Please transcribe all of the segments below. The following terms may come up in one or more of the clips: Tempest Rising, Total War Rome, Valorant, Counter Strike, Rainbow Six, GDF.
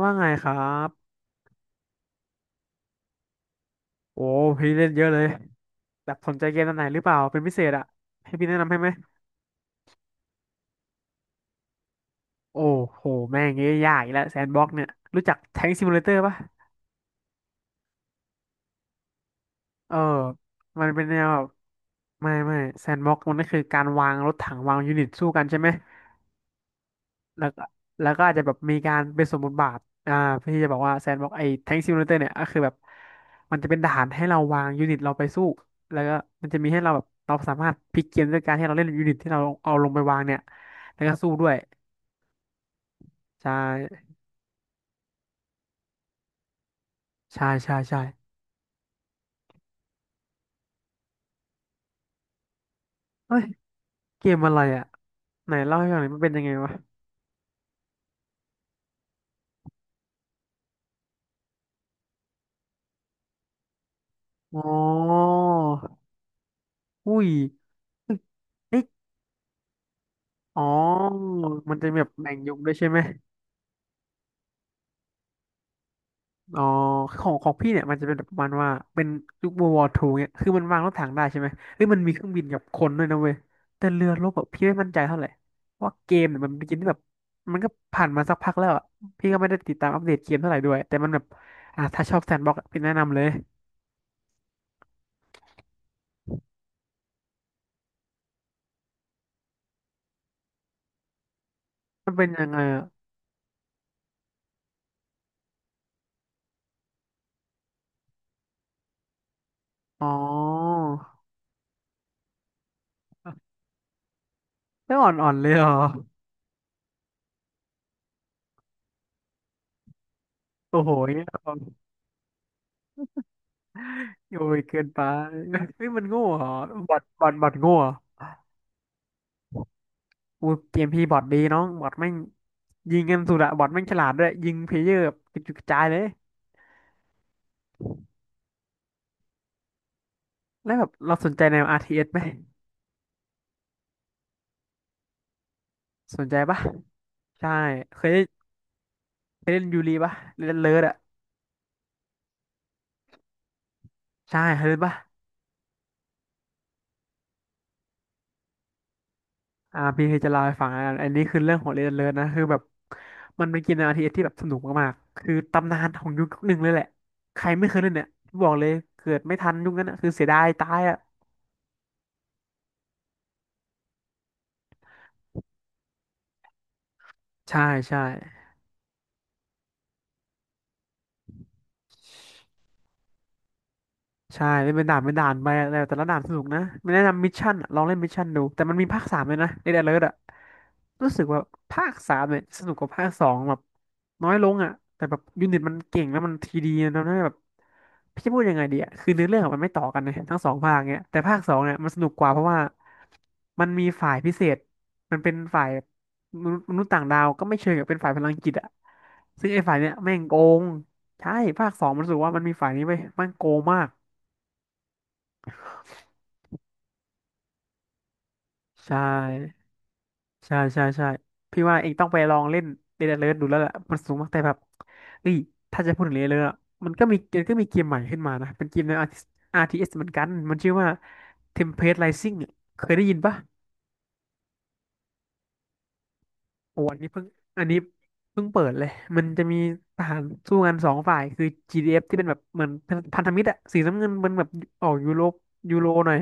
ว่าไงครับ โอ้พี่เล่นเยอะเลยแบบสนใจเกมอันไหนหรือเปล่า เป็นพิเศษอะให้พี่แนะนำให้ไหม โอ้โห แม่งเงี้ยยากอีกแล้วแซนบ็อกเนี่ย รู้จักแทงซิมูเลเตอร์ปะเออ มันเป็นแนวแบบไม่แซนบ็อกมันก็คือการวางรถถังวางยูนิตสู้กันใช่ไหม แล้วก็แล้วก็อาจจะแบบมีการเป็นสมมุติบาทเพื่อที่จะบอกว่าแซนบอกไอ้แท็งซิมูเลเตอร์เนี่ยก็คือแบบมันจะเป็นฐานให้เราวางยูนิตเราไปสู้แล้วก็มันจะมีให้เราแบบเราสามารถพลิกเกมด้วยการให้เราเล่นยูนิตที่เราเอาลงไปวางเนี่ยแล้วก็สู้ด้วยใช่ใช่ใช่ใช่เฮ้ยเกมอะไรอ่ะไหนเล่าให้ฟังหน่อยมันเป็นยังไงวะอ๋ออุ้ยเอ๊ะอ๋อ มันจะมีแบบแบ่งยุคด้วยใช่ไหม อ๋อของพี่เนี่ยมันจะเป็นแบบประมาณว่าเป็นยุค World War i เนี่ยคือมันวางรถถังได้ใช่ไหมเอ้ยมันมีเครื่องบินกับคนด้วยนะเว้ยแต่เรือรบแบบพี่ไม่มั่นใจเท่าไหร่เพราะว่าเกมเนี่ยมันเป็นเกมที่แบบมันก็ผ่านมาสักพักแล้วอ่ะพี่ก็ไม่ได้ติดตามอัปเดตเกมเท่าไหร่ด้วยแต่มันแบบอ่ะถ้าชอบแซนด์บ็อกซ์พี่แนะนำเลยมันเป็นยังไงอะอ๋อไม่อ่อนๆเลยเหรอโอ้โหเนียโอ้ยเกินไปเฮ้ยมันโง่เหรอบอทโง่เหรออูเกมพี่บอทดีน้องบอทแม่ง ยิงกันสุดอะบอทแม่งฉลาดด้วยยิงเพลเยอร์กระจุกกระจายเลยแล้วแบบเราสนใจแนว RTS ไหมสนใจปะใช่เคยเล่นเคยเล่นยูรีปะเล่นเลิร์ดอะใช่เคยเล่นปะพี่เคยจะเล่าให้ฟังอะอันนี้คือเรื่องของเล่นเลิร์ดนะคือแบบมันเป็นเกมแนว RTS ทีเอสที่แบบสนุกมากๆคือตำนานของยุคหนึ่งเลยแหละใครไม่เคยเล่นเนี่ยบอกเลยเกิดไม่ทันยุคนั้นอะคือเสียดายตายอะใช่ใช่ ใช่เล่นเป็นด่านเป็นด่านไปแต่แต่ละด่านสนุกนะไม่แนะนำมิชชั่นอะลองเล่นมิชชั่นดูแต่มันมีภาคสามเลยนะในเดอะเลิร์ดอะรู้สึกว่าภาคสามเนี่ยสนุกกว่าภาคสองแบบน้อยลงอะแต่แบบยูนิตมันเก่งแล้วมันทีดีนะทำใหแบบพี่จะพูดยังไงดีอะคือเนื้อเรื่องอะมันไม่ต่อกันนะทั้งสองภาคเนี่ยแต่ภาคสองเนี่ยมันสนุกกว่าเพราะว่ามันมีฝ่ายพิเศษมันเป็นฝ่ายมนุษย์มนุษย์ต่างดาวก็ไม่เชิงกับเป็นฝ่ายพลังจิตอะซึ่งไอ้ฝ่ายเนี่ยแม่งโกงใช่ภาคสองมันรู้สึกว่ามันมีฝ่ายนี้ไปมันโกงมาก ใช่ใช่ใช่ใช่พี่ว่าเองต้องไปลองเล่นเดดเลิร์ดูแล้วแหละมันสูงมากแต่แบบเฮ้ยถ้าจะพูดถึงเดนเลิร์มันก็มีเกมใหม่ขึ้นมานะเป็นเกมใน RTS เอสเหมือนกันมันชื่อว่า Tempest Rising อะเคยได้ยินปะโอ้อันนี้เพิ่งเปิดเลยมันจะมีทหารสู้กันสองฝ่ายคือ GDF ที่เป็นแบบเหมือนพันธมิตรอะสีน้ำเงินมันแบบออกยูโรยูโรหน่อย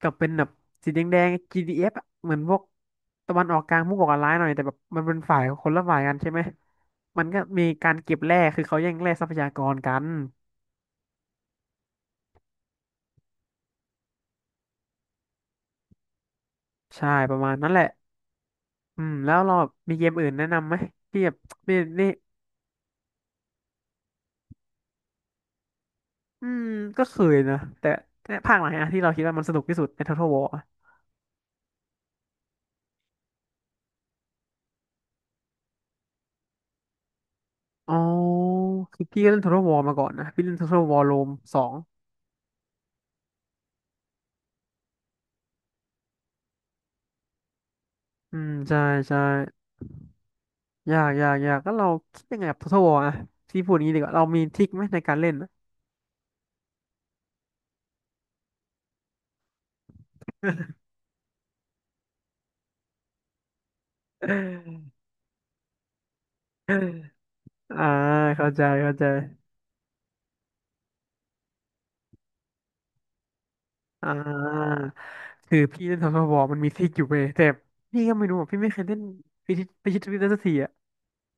กับเป็นแบบสีแดง GDF อฟอะเหมือนพวกตะวันออกกลางพวกก่อการร้ายหน่อยแต่แบบมันเป็นฝ่ายคนละฝ่ายกันใช่ไหมมันก็มีการเก็บแร่คือเขาแย่งแร่ทรัพยากรกันใช่ประมาณนั้นแหละอืมแล้วเราแบบมีเกมอื่นแนะนำไหมที่แบบนี่นี่อืมก็เคยนะแต่แต่ภาคไหนอะที่เราคิดว่ามันสนุกที่สุดใน Total War อะอ๋อคือพี่ก็เล่น Total War มาก่อนนะพี่เล่น Total War Rome สองอืมใช่ใช่ อยากก็เราคิดยังไงกับ Total War อะพี่พูดอย่างนี้ดีกว่าเรามีทริคไหมในการเล่น อ่า เข้าใจอ่าคือพี่เล่น Total War มันมีทริคอยู่เว้ยแต่พี่ก็ไม่รู้อ่ะพี่ไม่เคยเล่นพิชิตทริคได้สักทีอ่ะ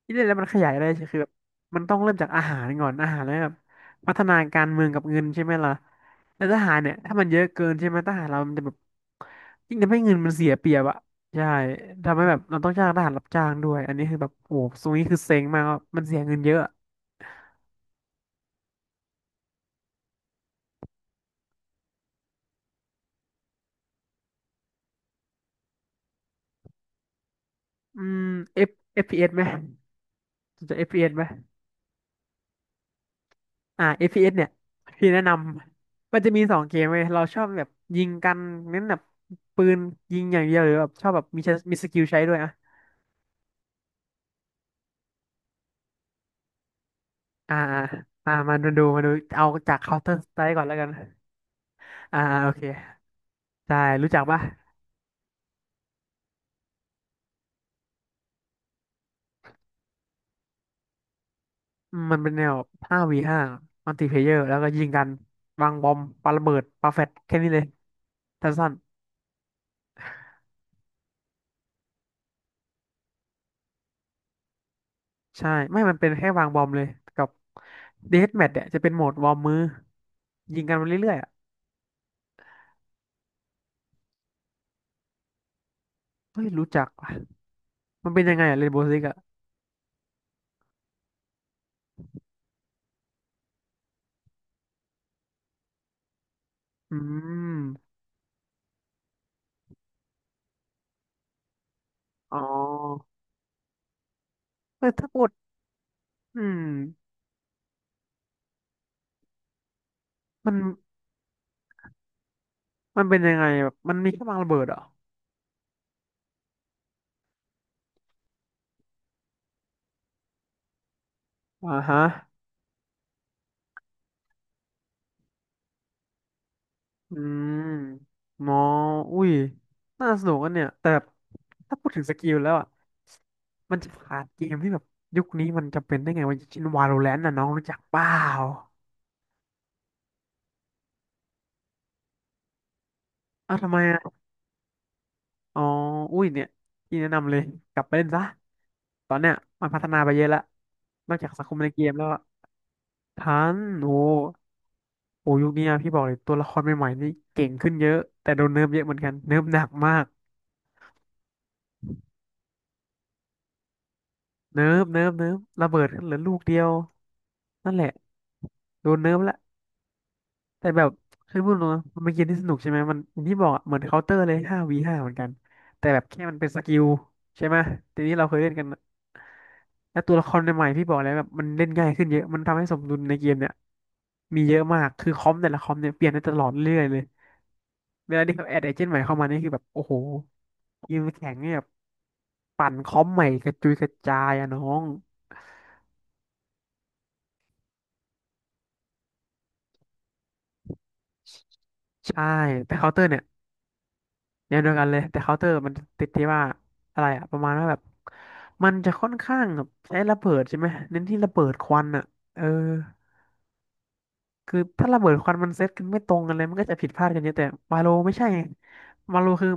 ที่เล่นแล้วมันขยายอะไรใช่คือแบบมันต้องเริ่มจากอาหารก่อนอาหารแล้วแบบพัฒนาการเมืองกับเงินใช่ไหมล่ะแล้วทหารเนี่ยถ้ามันเยอะเกินใช่ไหมทหารเรามันจะแบบยิ่งทำให้เงินมันเสียเปรียบอะใช่ทำให้แบบเราต้องจ้างทหารรับจ้างด้วยอันนี้คือแบบโอ้ตรงนี้คือเซ็งมากว่ามันเสียเงินเยอะอืม F เอฟพีเอสไหมสนใจเอ s ไหมอ่า FPS เอสเนี่ยพี่แนะนำมันจะมีสองเกมเว้ยเราชอบแบบยิงกันเน้นแบบปืนยิงอย่างเดียวหรือแบบชอบแบบมีใช้มีสกิลใช้ด้วยอะ อ่าอ่ามามาดูเอาจาก Counter Strike ก่อนแล้วกันอ่าอาโอเคใช่รู้จักปะอืมมันเป็นแนว 5v5 มัลติเพลเยอร์แล้วก็ยิงกันวางบอมปาระเบิดปาแฟตแค่นี้เลยสั้นๆใช่ไม่มันเป็นแค่วางบอมเลยกับเดธแมทเนี่ยจะเป็นโหมดวอร์มมือยิงกันไปเรื่อยๆอ่ะเฮ้ยรู้จักว่ะมันเป็นยังไงอ่ะเรนโบว์ซิกอ่ะอืมอ๋อเออถ้าพูดอืมมันมันเป็นยังไงแบบมันมีแค่วางระเบิดเหรออ่าฮะ อืมมออุ้ยน่าสนุกกันเนี่ยแต่แบบถ้าพูดถึงสกิลแล้วอ่ะมันจะขาดเกมที่แบบยุคนี้มันจำเป็นได้ไงวะอย่างเช่น Valorant น่ะน้องรู้จักเปล่าอ้าวทำไมอ่ะอ๋ออุ้ยเนี่ยพี่แนะนำเลยกลับไปเล่นซะตอนเนี้ยมันพัฒนาไปเยอะละนอกจากสังคมในเกมแล้วอะทันโอ้โอ้ยุคนี้อะพี่บอกเลยตัวละครใหม่ๆนี่เก่งขึ้นเยอะแต่โดนเนิร์ฟเยอะเหมือนกันเนิร์ฟหนักมากเนิร์ฟระเบิดขึ้นเหลือลูกเดียวนั่นแหละโดนเนิร์ฟละ แต่แบบคือพูดตรงนะมันเป็นเกมที่สนุกใช่ไหมมันอย่างที่บอกอะเหมือนเคาน์เตอร์เลยห้าวีห้าเหมือนกันแต่แบบแค่มันเป็นสกิลใช่ไหมทีนี้เราเคยเล่นกันนะแล้วตัวละครใหม่ๆพี่บอกเลยแบบมันเล่นง่ายขึ้นเยอะมันทำให้สมดุลในเกมเนี่ยมีเยอะมากคือคอมแต่ละคอมเนี่ยเปลี่ยนได้ตลอดเรื่อยเลยเวลาที่เขาแอดเอเจนต์ใหม่เข้ามานี่คือแบบโอ้โหยกมแข่งเนี่ยปั่นคอมใหม่กระจุยกระจายอะน้องใช่แต่เคาน์เตอร์เนี่ย แนวเดียวกันเลยแต่เคาน์เตอร์มันติดที่ว่าอะไรอะประมาณว่าแบบมันจะค่อนข้างแบบใช้ระเบิดใช่ไหมเน้นที่ระเบิดควันอะเออคือถ้าระเบิดควันมันเซตกันไม่ตรงกันเลยมันก็จะผิดพลาดกันเยอะแต่มาโลไม่ใช่ไงมาโลคือ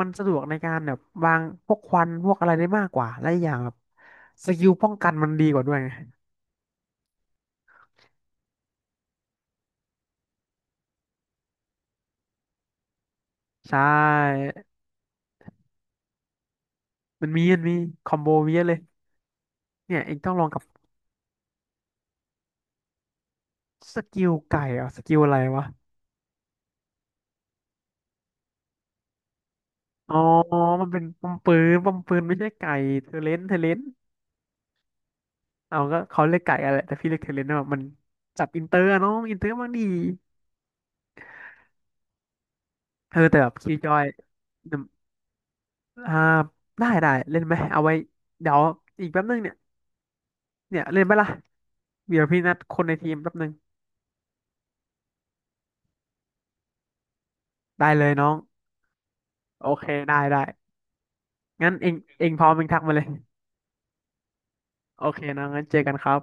มันสะดวกในการแบบวางพวกควันพวกอะไรได้มากกว่าและอกอย่างแบบสกิลป้องกันมันดีกว่าด้วยไงใช่มันมีคอมโบเยอะเลยเนี่ยเองต้องลองกับสกิลไก่เหรอ่ะสกิลอะไรวะ อ๋อมันเป็นปอมปืนไม่ใช่ไก่เทเลนเอาก็เขาเรียกไก่อะไรแต่พี่เรียกเทเลนเนาะมันจับอินเตอร์อะน้องอินเตอร์บางดีเออแต่แบบคีย์จอยอ่าได้ได้เล่นไหมเอาไว้เดี๋ยวอีกแป๊บนึงเนี่ยเนี่ยเล่นไหมล่ะเดี๋ยวพี่นัดคนในทีมแป๊บนึงได้เลยน้องโอเคได้งั้นเองพร้อมเองทักมาเลยโอเคนะงั้นเจอกันครับ